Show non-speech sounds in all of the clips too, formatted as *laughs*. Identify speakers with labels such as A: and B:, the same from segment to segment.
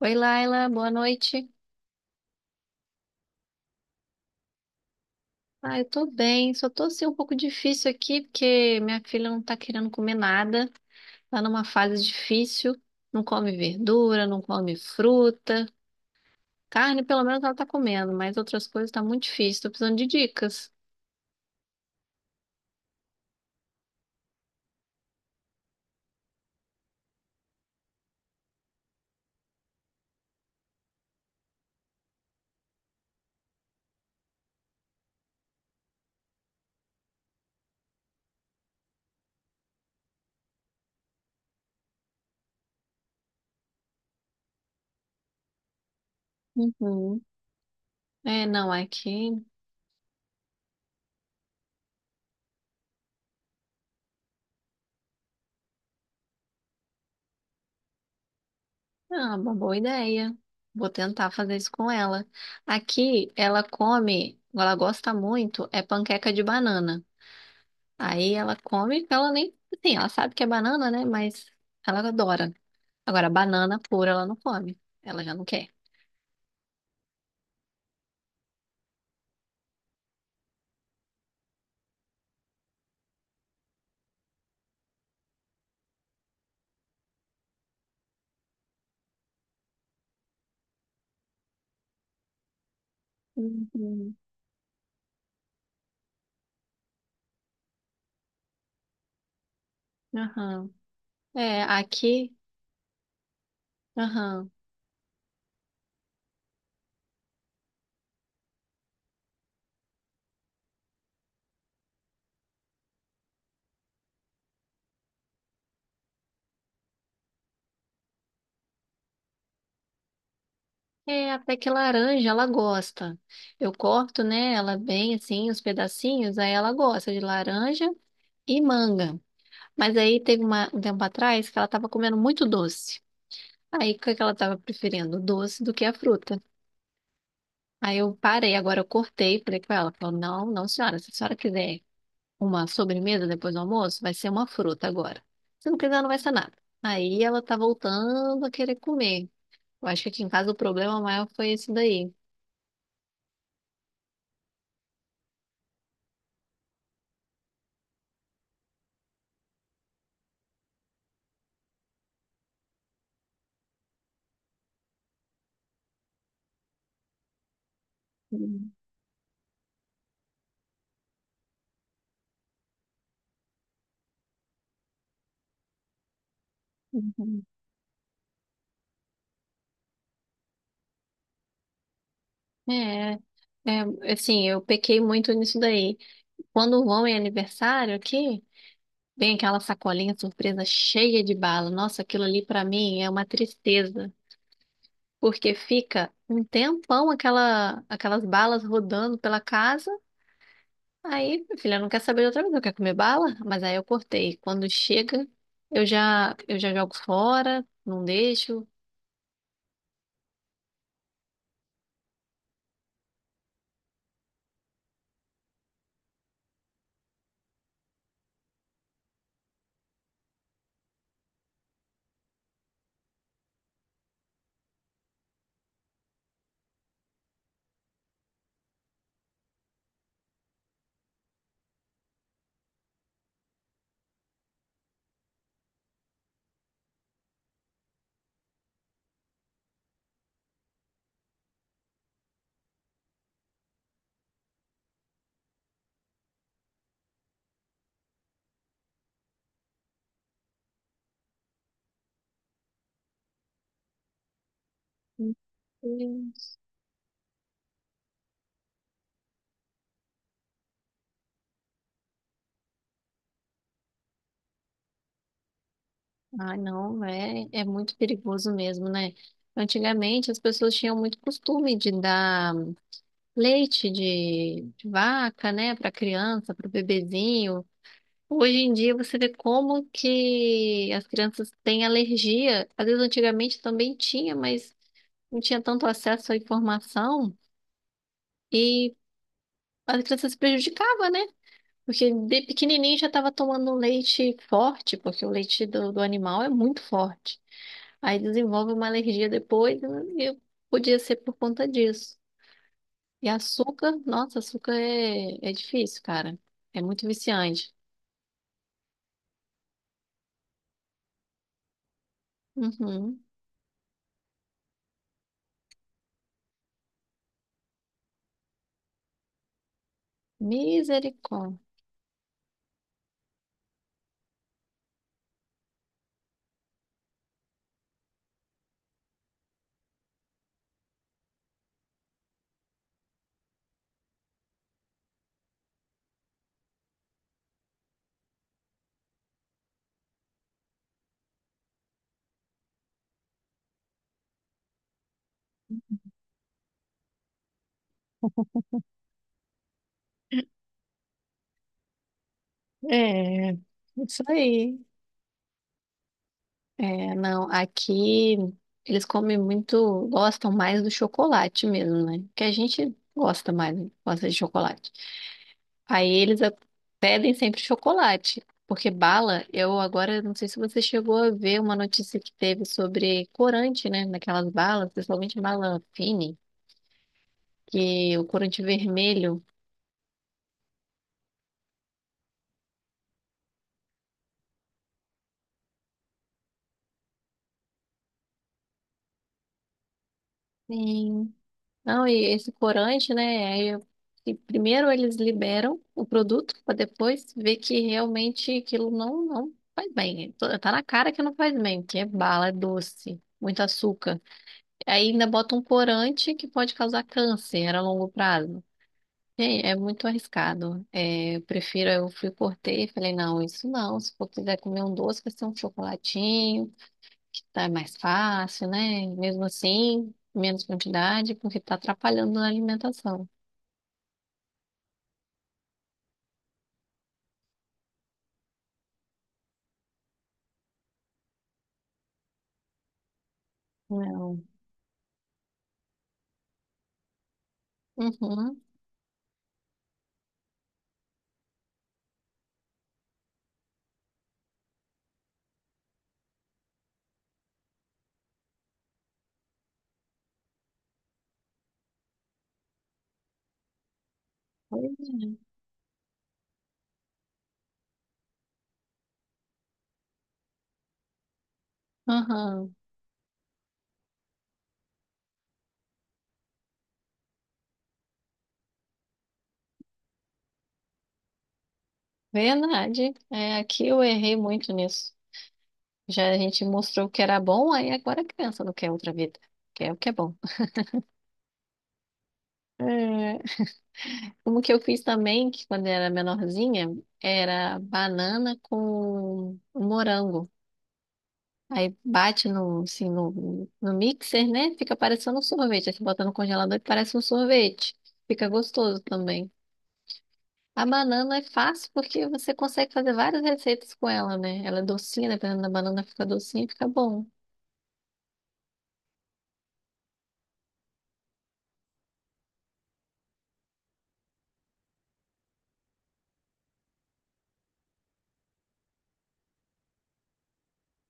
A: Oi, Laila, boa noite. Ah, eu tô bem, só tô assim um pouco difícil aqui porque minha filha não tá querendo comer nada, tá numa fase difícil, não come verdura, não come fruta, carne pelo menos ela tá comendo, mas outras coisas tá muito difícil, tô precisando de dicas. Uhum. É, não, aqui é uma boa ideia. Vou tentar fazer isso com ela. Aqui ela come, ela gosta muito, é panqueca de banana. Aí ela come, então ela nem, assim, ela sabe que é banana, né? Mas ela adora. Agora, banana pura ela não come. Ela já não quer. Uhum. Aham. É, aqui, aham. É, até que laranja ela gosta. Eu corto, né, ela bem assim, os pedacinhos, aí ela gosta de laranja e manga. Mas aí teve um tempo atrás que ela tava comendo muito doce. Aí o que que ela tava preferindo? O doce do que a fruta. Aí eu parei, agora eu cortei, falei com ela, falou, não, não, senhora, se a senhora quiser uma sobremesa depois do almoço, vai ser uma fruta agora. Se não quiser, não vai ser nada. Aí ela tá voltando a querer comer. Eu acho que aqui em casa o problema maior foi esse daí. Uhum. Uhum. É, é, assim, eu pequei muito nisso daí. Quando vão em aniversário aqui, vem aquela sacolinha surpresa cheia de bala. Nossa, aquilo ali pra mim é uma tristeza. Porque fica um tempão aquelas balas rodando pela casa. Aí, minha filha não quer saber de outra coisa, quer comer bala? Mas aí eu cortei. Quando chega, eu já jogo fora, não deixo. Meu Deus. Ah, não, é muito perigoso mesmo, né? Antigamente as pessoas tinham muito costume de dar leite de vaca, né, para criança, para o bebezinho. Hoje em dia você vê como que as crianças têm alergia. Às vezes antigamente também tinha, mas não tinha tanto acesso à informação e as crianças se prejudicavam, né? Porque de pequenininho já estava tomando um leite forte, porque o leite do animal é muito forte. Aí desenvolve uma alergia depois, né? E podia ser por conta disso. E açúcar, nossa, açúcar é difícil, cara. É muito viciante. Uhum. Misericórdia. É, isso aí. É, não, aqui eles comem muito, gostam mais do chocolate mesmo, né? Que a gente gosta mais, né? Gosta de chocolate. Aí eles a- Pedem sempre chocolate, porque bala, eu agora não sei se você chegou a ver uma notícia que teve sobre corante, né? Naquelas balas, principalmente bala fine, que o corante vermelho. Sim. Não, E esse corante, né? Que primeiro eles liberam o produto para depois ver que realmente aquilo não faz bem. Tá na cara que não faz bem, porque é bala, é doce, muito açúcar. Aí ainda bota um corante que pode causar câncer a longo prazo. Gente, é muito arriscado. É, eu prefiro, eu fui cortei e falei, não, isso não. Se for quiser comer um doce, vai ser um chocolatinho, que tá mais fácil, né? Mesmo assim, menos quantidade, porque tá atrapalhando na alimentação. Não. Uhum. Pois é. Uhum. Verdade. É, aqui eu errei muito nisso. Já a gente mostrou o que era bom, aí agora a criança não quer outra vida. Quer o que é bom. É, como que eu fiz também, que quando era menorzinha, era banana com morango. Aí bate no mixer, né? Fica parecendo um sorvete. Aí você bota no congelador e parece um sorvete. Fica gostoso também. A banana é fácil porque você consegue fazer várias receitas com ela, né? Ela é docinha, dependendo da banana, fica docinha e fica bom.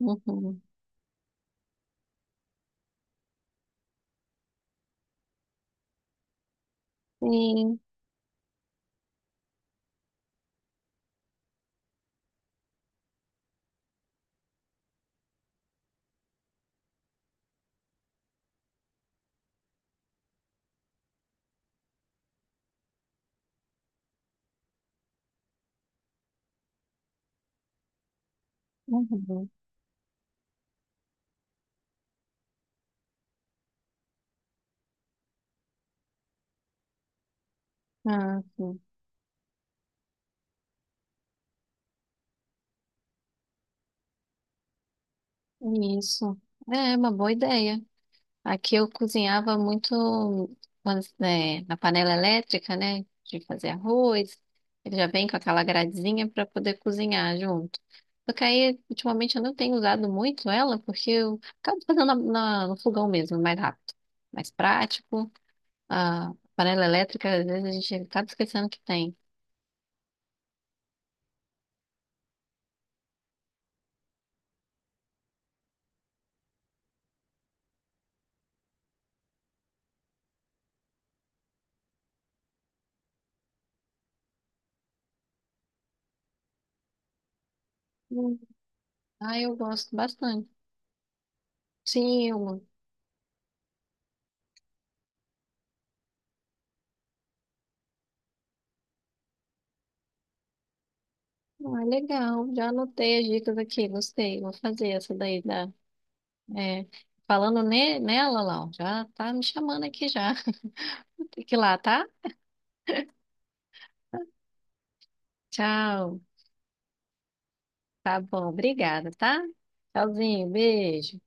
A: Uhum. Sim. Uhum. Ah, sim. Isso. É uma boa ideia. Aqui eu cozinhava muito né, na panela elétrica, né? De fazer arroz. Ele já vem com aquela gradezinha para poder cozinhar junto. Só que aí, ultimamente, eu não tenho usado muito ela, porque eu acabo fazendo no fogão mesmo, mais rápido, mais prático. A panela elétrica, às vezes a gente acaba esquecendo que tem. Hum. Ah, eu gosto bastante. Sim, eu. Ah, legal, já anotei as dicas aqui, gostei. Vou fazer essa daí da. é, falando nela, Lau, já tá me chamando aqui já. *laughs* Tem que ir lá, tá? Tchau. Tá bom, obrigada, tá? Tchauzinho, beijo.